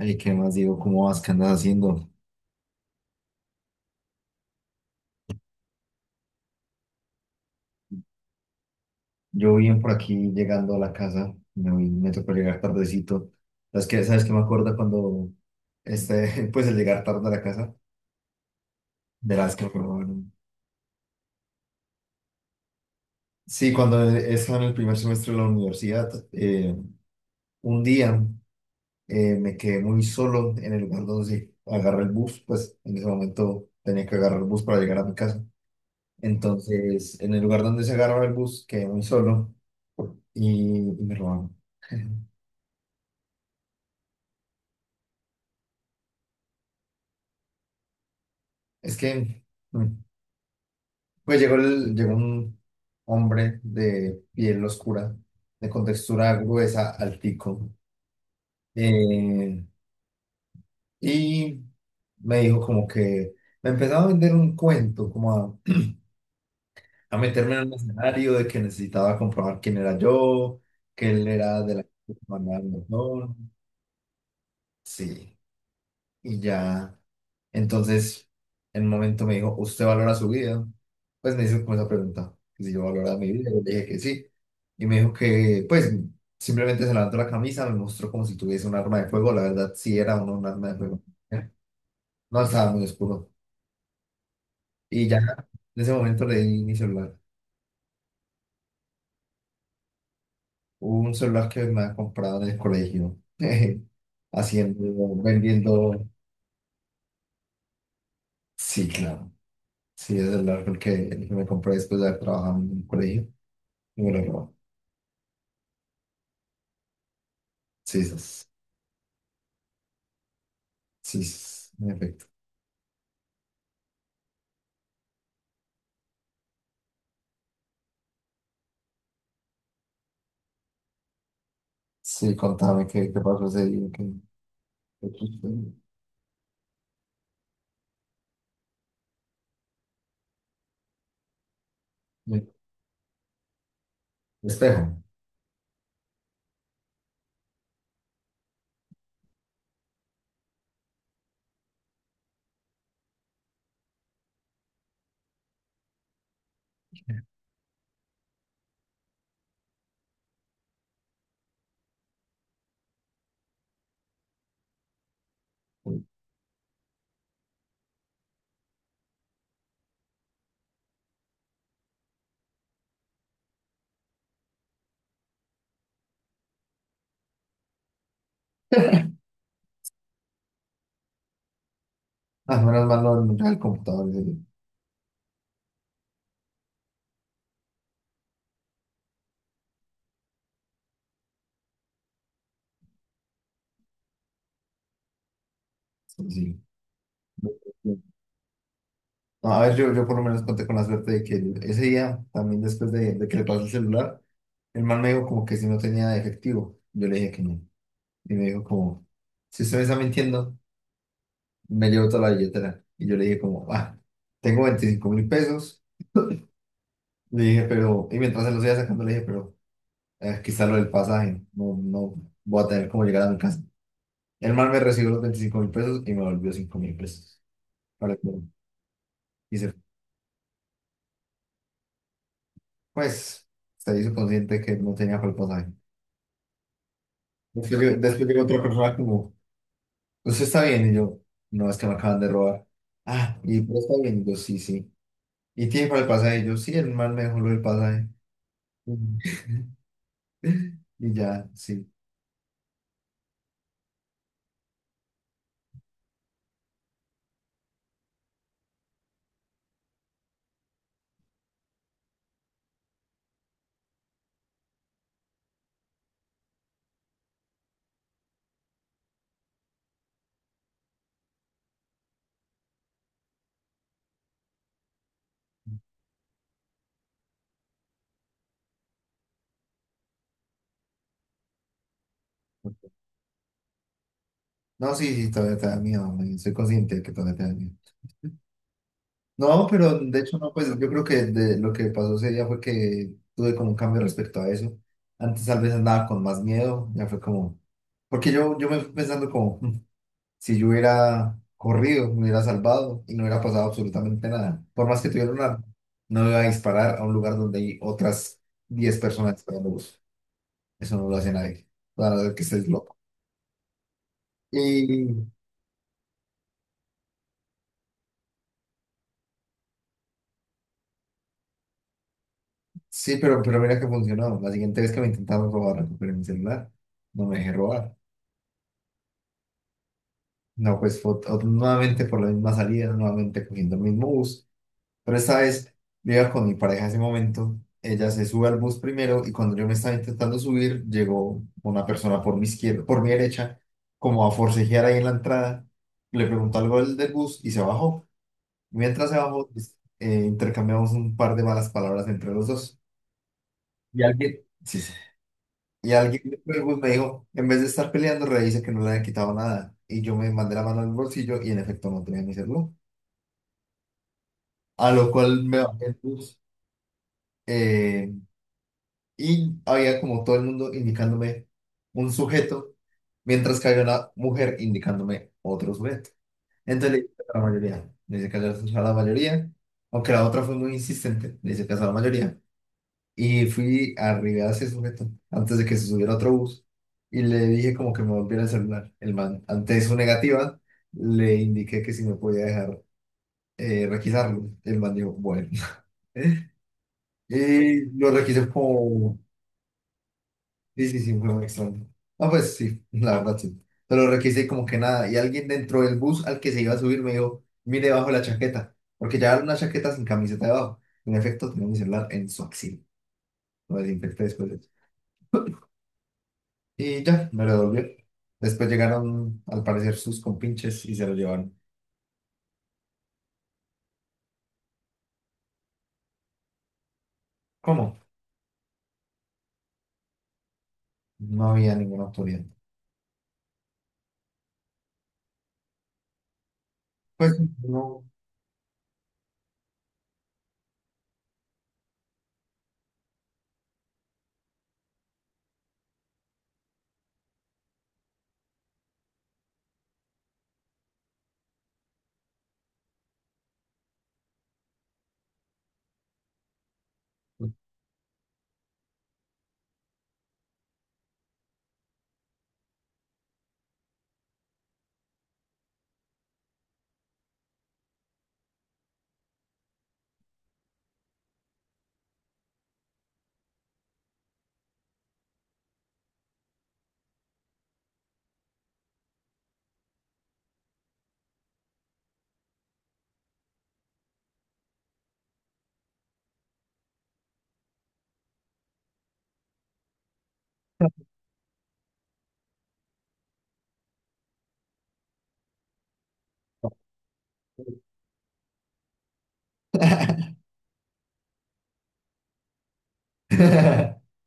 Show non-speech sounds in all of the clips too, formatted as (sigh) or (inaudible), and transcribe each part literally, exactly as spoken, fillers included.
Ay, ¿qué más digo? ¿Cómo vas? ¿Qué andas haciendo? Yo bien por aquí llegando a la casa, me, voy- me tocó llegar tardecito. ¿Sabes qué? ¿Sabes qué me acuerdo cuando, este, (laughs) pues el llegar tarde a la casa? De las que probaron. Sí, cuando estaba en el primer semestre de la universidad, eh, un día eh, me quedé muy solo en el lugar donde agarré el bus, pues en ese momento tenía que agarrar el bus para llegar a mi casa. Entonces, en el lugar donde se agarraba el bus, quedé muy solo y, y me robaron. (laughs) Es que, mm, pues llegó, el- llegó un hombre de piel oscura, de contextura gruesa, altico, eh, y me dijo como que me empezaba a vender un cuento, como a, a meterme en un escenario de que necesitaba comprobar quién era yo, que él era de la que mandaba el montón. Sí, y ya. Entonces, en un momento me dijo, ¿usted valora su vida? Pues me hizo como esa pregunta, que si yo valoraba mi vida, yo le dije que sí. Y me dijo que, pues, simplemente se levantó la camisa, me mostró como si tuviese un arma de fuego. La verdad sí era uno un arma de fuego. ¿Eh? No estaba muy oscuro. Y ya en ese momento le di mi celular, un celular que me había comprado en el colegio, (laughs) haciendo, vendiendo, sí, claro, sí, ese celular fue el que, el que me compré después de haber trabajado en un colegio y me lo robó. Sí, sí. Sí. Sí, sí, sí, en efecto. Sí, contame qué, qué pasó ese día. Qué- qué sucedió. Me- Espejo. Ah, menos mal no no era el computador ese día. Sí, sí. No, a ver, yo, yo por lo menos conté con la suerte de que ese día, también después de, de que le pasó el celular, el man me dijo como que si no tenía efectivo. Yo le dije que no. Y me dijo como, si usted me está mintiendo, me llevo toda la billetera. Y yo le dije como, ah, tengo veinticinco mil pesos. Le dije, pero, y mientras se los iba sacando, le dije, pero Eh, quizá lo del pasaje, no, no voy a tener cómo llegar a mi casa. El man me recibió los veinticinco mil pesos y me volvió cinco mil pesos. Para que- y se, pues, se hizo consciente que no tenía para el pasaje. Después, llegó- después llegó otra persona como, ¿usted está bien? Y yo, no, es que me acaban de robar. Ah, ¿y pero está bien? Y yo, sí, sí. ¿Y tiene para el pasaje? Y yo, sí, el man me dejó lo del pasaje. (laughs) Y ya, sí. No, sí, sí, todavía te da miedo, man, soy consciente de que todavía te da miedo. No, pero de hecho no, pues yo creo que de- lo que pasó ese día fue que tuve como un cambio respecto a eso. Antes tal vez andaba con más miedo, ya fue como, porque yo, yo me fui pensando como, "Mm, si yo hubiera corrido, me hubiera salvado y no hubiera pasado absolutamente nada. Por más que tuviera un arma, no me iba a disparar a un lugar donde hay otras diez personas esperando bus. Eso no lo hace nadie, a no ser que estés loco. Y sí, pero, pero mira que funcionó. La siguiente vez que me intentaron robar, recuperé mi celular, no me dejé robar. No, pues ot- ot- nuevamente por la misma salida, nuevamente cogiendo el mismo bus. Pero esta vez yo iba con mi pareja en ese momento. Ella se sube al bus primero y cuando yo me estaba intentando subir, llegó una persona por mi izquierda, por mi derecha, como a forcejear ahí en la entrada. Le preguntó algo del, del bus y se bajó. Mientras se bajó, pues, eh, intercambiamos un par de malas palabras entre los dos. Y alguien, sí, sí. Y alguien del bus me dijo, en vez de estar peleando, revise que no le hayan quitado nada. Y yo me mandé la mano al bolsillo y en efecto no tenía mi celular. A lo cual me bajé el bus, eh, y había como todo el mundo indicándome un sujeto, mientras que había una mujer indicándome otro sujeto. Entonces le dije a la mayoría, le dije que a la mayoría, aunque la otra fue muy insistente, le dije que a la mayoría. Y fui arriba a ese sujeto antes de que se subiera a otro bus y le dije como que me volviera el celular. El man, ante su negativa, le indiqué que si me podía dejar, eh, requisarlo. El man dijo, bueno. (laughs) Y lo requise como... Sí, sí, sí, fue muy extraño. Ah, pues sí, (laughs) la verdad sí. Pero lo requise como que nada. Y alguien dentro del bus al que se iba a subir me dijo, mire bajo la chaqueta. Porque llevaba una chaqueta sin camiseta debajo. En efecto, tenía mi celular en su axil. Lo desinfecté después de eso. (laughs) Y ya, me lo devolvió. Después llegaron, al parecer, sus compinches y se lo llevaron. ¿Cómo? No había ninguna autoridad. Pues no. (laughs) (laughs)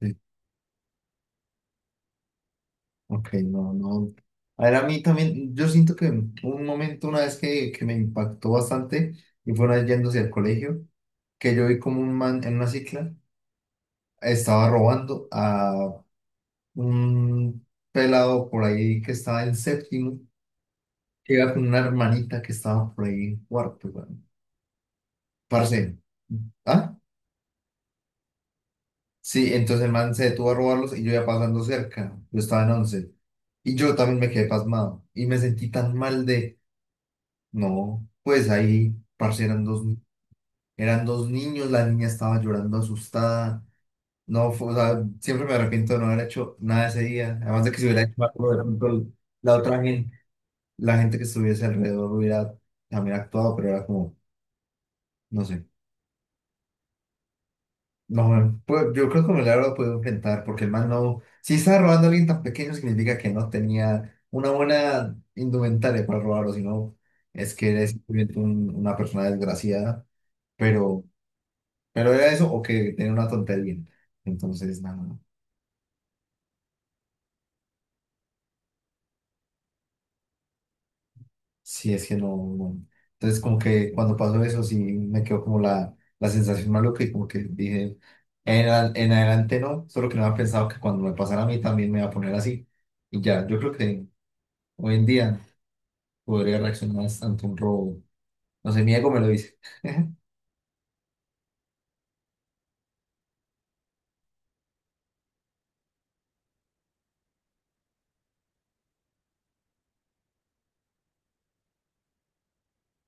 Sí, ok, no, no. A ver, a mí también, yo siento que un momento, una vez que, que me impactó bastante, y fue una vez yendo hacia el colegio, que yo vi como un man en una cicla estaba robando a un pelado por ahí que estaba en séptimo, que iba con una hermanita que estaba por ahí en cuarto, weón. Parce, ¿ah? Sí, entonces el man se detuvo a robarlos y yo iba pasando cerca, yo estaba en once, y yo también me quedé pasmado, y me sentí tan mal de. No, pues ahí, parce, eran dos, ni- eran dos niños, la niña estaba llorando asustada. No, fue- o sea, siempre me arrepiento de no haber hecho nada ese día. Además de que si hubiera hecho algo, de pronto la otra gente, la gente que estuviese alrededor hubiera también actuado, pero era como, no sé. No, pues yo creo que me la lo podido enfrentar, porque el man no, si estaba robando a alguien tan pequeño, significa que no tenía una buena indumentaria para robarlo, sino es que eres simplemente un- una persona desgraciada, pero. Pero era eso o que tenía una tontería. Entonces, nada, si es que no, no. Entonces, como que cuando pasó eso, sí me quedó como la, la sensación maluca y como que dije, en, a- en adelante no, solo que no había pensado que cuando me pasara a mí también me iba a poner así. Y ya, yo creo que hoy en día podría reaccionar ante un robo. No sé, mi ego me lo dice. (laughs)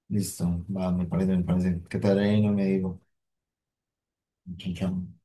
Listo, va, me parece, me parece. ¿Qué tal? ¿Ahí? No me digo. Chao, chao.